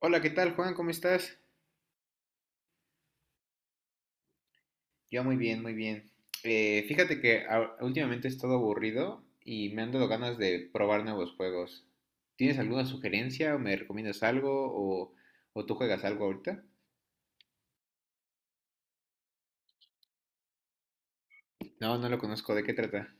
Hola, ¿qué tal, Juan? ¿Cómo estás? Yo muy bien, muy bien. Fíjate que últimamente he estado aburrido y me han dado ganas de probar nuevos juegos. ¿Tienes alguna sugerencia o me recomiendas algo o, o tú juegas algo ahorita? No, no lo conozco. ¿De qué trata?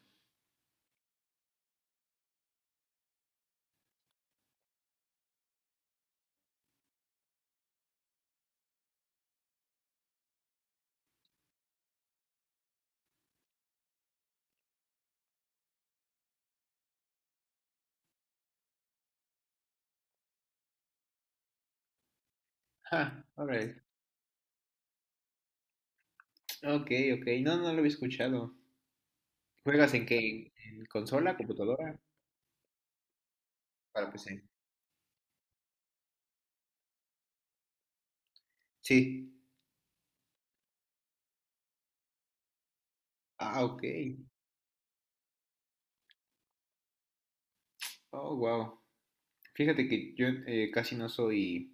Ah, alright. Ok, ok. No, no lo había escuchado. ¿Juegas en qué? ¿En consola, computadora? Para PC. Sí. Ah, ok. Oh, wow. Fíjate que yo, casi no soy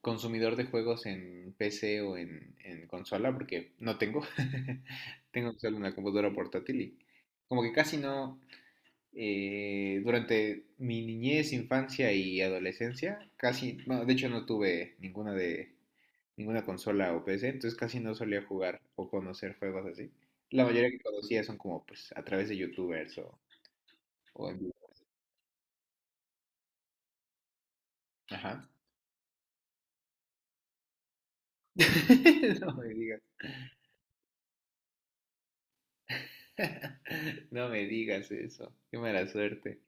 consumidor de juegos en PC o en consola, porque no tengo. Tengo solo una computadora portátil y como que casi no, durante mi niñez, infancia y adolescencia, casi, bueno, de hecho no tuve ninguna consola o PC, entonces casi no solía jugar o conocer juegos así. La mayoría que conocía son como pues a través de YouTubers o en vivo. Ajá. No me digas. No me digas eso. Qué mala suerte.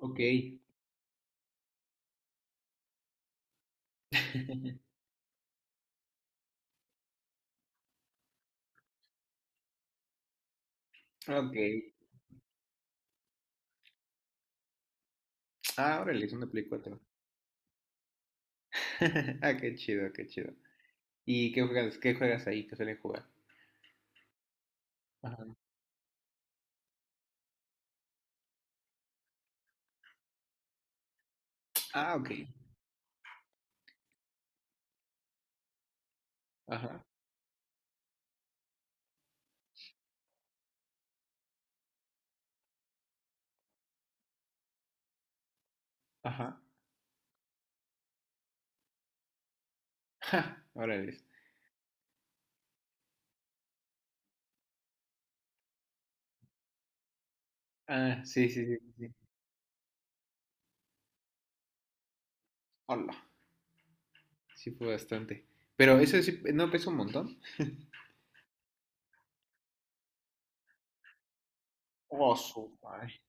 Ok. Ok. Ah, órale, es una Play 4. Ah, qué chido, qué chido. ¿Y qué juegas ahí? ¿Qué suelen jugar? Ajá. Ah, ok. Ajá, ajá. Ja, órale. Ah, sí, sí, sí, sí. Sí. Hola. Sí fue bastante. Pero eso sí, ¿no pesa un montón? Oh, su madre.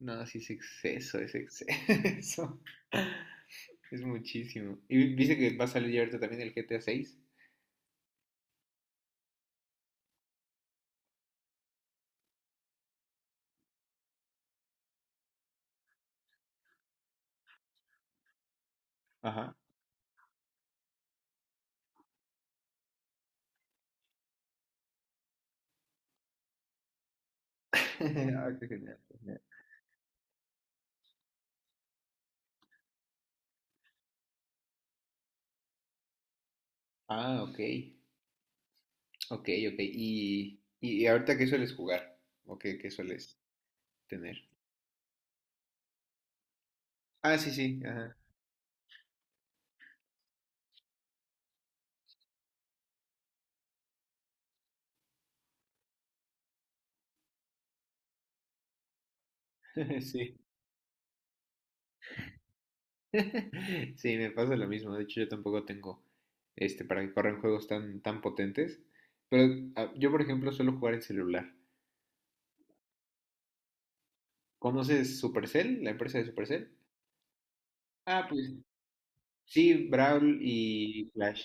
No, sí es exceso, es exceso. Es muchísimo. Y dice que va a salir ya ahorita también el GTA 6. Ajá. Ah, qué genial, qué genial. Ah, ok. Ok, ok. Y ahorita qué sueles jugar? ¿O qué, qué sueles tener? Ah, sí, sí, ajá. Sí. Sí, me pasa lo mismo. De hecho, yo tampoco tengo este para que corran juegos tan, tan potentes. Pero ah, yo, por ejemplo, suelo jugar en celular. ¿Conoces Supercell, la empresa de Supercell? Ah, pues sí, Brawl y Clash.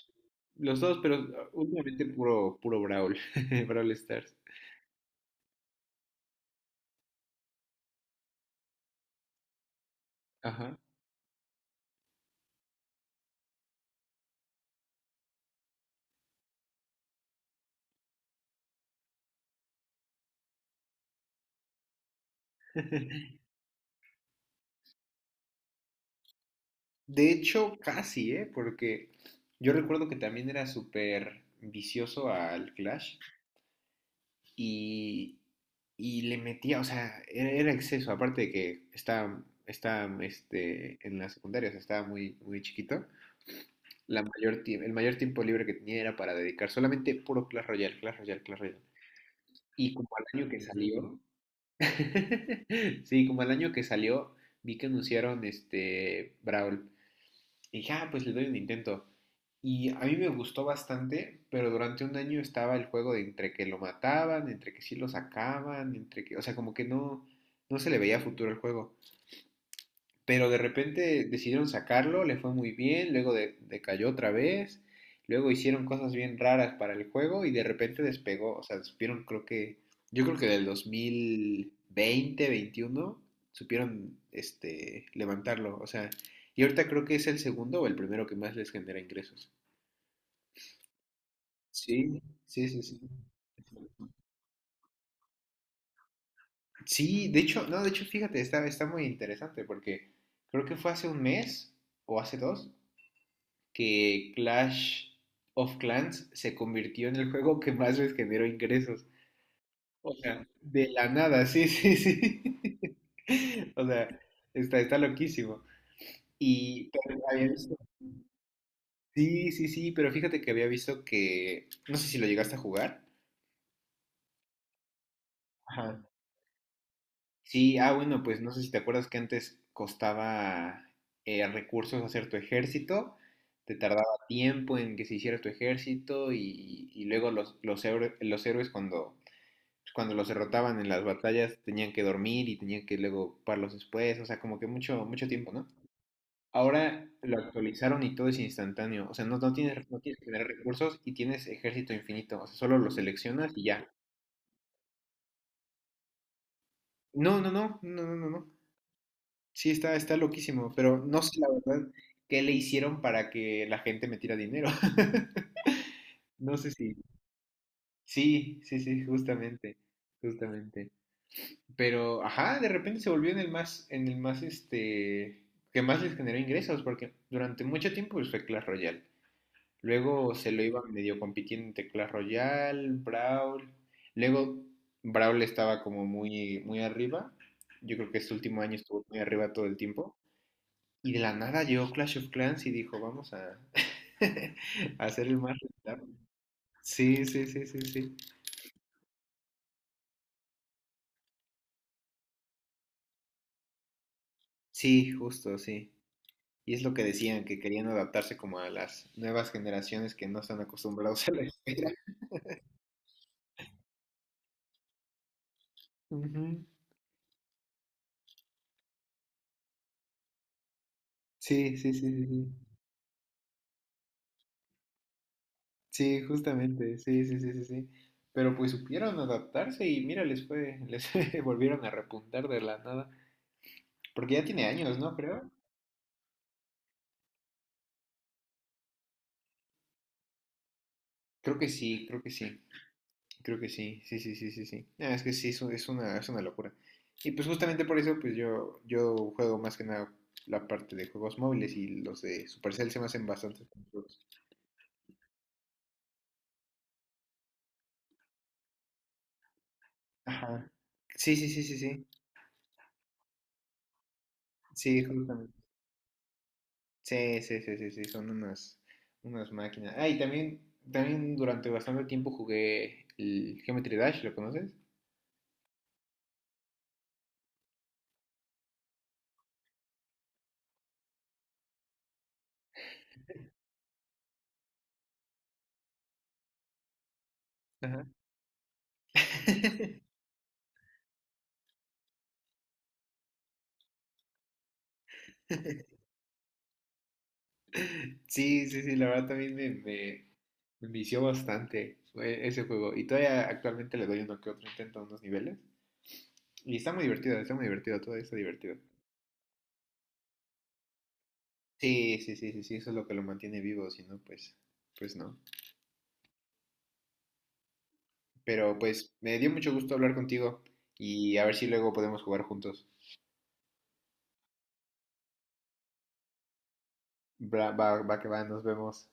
Los dos, pero ah, últimamente puro, puro Brawl. Brawl Stars. Ajá. De hecho, casi, ¿eh? Porque yo recuerdo que también era súper vicioso al Clash y, y le metía, o sea, era exceso, aparte de que estaba en la secundaria, o sea, estaba muy, muy chiquito. La mayor, el mayor tiempo libre que tenía era para dedicar solamente puro Clash Royale, Clash Royale, Clash Royale. Y como al año que salió, sí, como al año que salió, vi que anunciaron este Brawl. Y dije, ah, pues le doy un intento. Y a mí me gustó bastante, pero durante un año estaba el juego de entre que lo mataban, entre que sí lo sacaban, entre que, o sea, como que no, no se le veía futuro el juego, pero de repente decidieron sacarlo, le fue muy bien, luego decayó otra vez, luego hicieron cosas bien raras para el juego y de repente despegó. O sea, yo creo que del 2020, 21, supieron, levantarlo, o sea, y ahorita creo que es el segundo o el primero que más les genera ingresos. Sí, sí, sí, sí. Sí, de hecho, no, de hecho, fíjate, está muy interesante porque creo que fue hace un mes o hace dos que Clash of Clans se convirtió en el juego que más les generó ingresos. O sea, de la nada, sí, sí, sí. O sea, está loquísimo. Y pero sí, sí, sí, pero fíjate que había visto que, no sé si lo llegaste a jugar. Ajá. Sí, ah, bueno, pues no sé si te acuerdas que antes costaba, recursos hacer tu ejército, te tardaba tiempo en que se hiciera tu ejército y luego los héroes cuando los derrotaban en las batallas tenían que dormir y tenían que luego ocuparlos después, o sea, como que mucho, mucho tiempo, ¿no? Ahora lo actualizaron y todo es instantáneo, o sea, no, no tienes que tener recursos y tienes ejército infinito, o sea, solo lo seleccionas y ya. No, no, no, no, no, no, no. Sí, está loquísimo, pero no sé la verdad qué le hicieron para que la gente metiera dinero. No sé si. Sí, sí, sí, justamente, justamente. Pero, ajá, de repente se volvió en el más, que más les generó ingresos, porque durante mucho tiempo pues, fue Clash Royale. Luego se lo iba medio compitiendo entre Clash Royale, Brawl. Luego Brawl estaba como muy, muy arriba. Yo creo que este último año estuvo muy arriba todo el tiempo. Y de la nada llegó Clash of Clans y dijo, vamos a, a hacer el más rentable. Sí, sí, sí, sí, sí. Sí, justo, sí. Y es lo que decían, que querían adaptarse como a las nuevas generaciones que no están acostumbrados a la espera. Ujú. Sí, sí, sí, sí, sí. Sí, justamente, sí, sí, sí, sí, sí. Pero pues supieron adaptarse y mira, les fue, les volvieron a repuntar de la nada. Porque ya tiene años, ¿no? Creo. Creo que sí, creo que sí, creo que sí, sí, sí, sí, sí, sí. Ah, es que sí, es una locura. Y pues justamente por eso, pues yo juego más que nada la parte de juegos móviles y los de Supercell se me hacen bastante. Ajá. Sí, sí, sí, sí, sí. Sí, justamente. Sí, sí, sí, sí, sí, son unas máquinas. Ah, y también, durante bastante tiempo jugué el Geometry Dash, ¿lo conoces? Ajá. Sí, sí, sí, la verdad también me vició bastante fue ese juego. Y todavía actualmente le doy uno que otro intento a unos niveles. Y está muy divertido, todavía está divertido. Sí, sí, sí, sí, sí, eso es lo que lo mantiene vivo, si no, pues, pues no. Pero pues me dio mucho gusto hablar contigo y a ver si luego podemos jugar juntos. Va, va que va, nos vemos.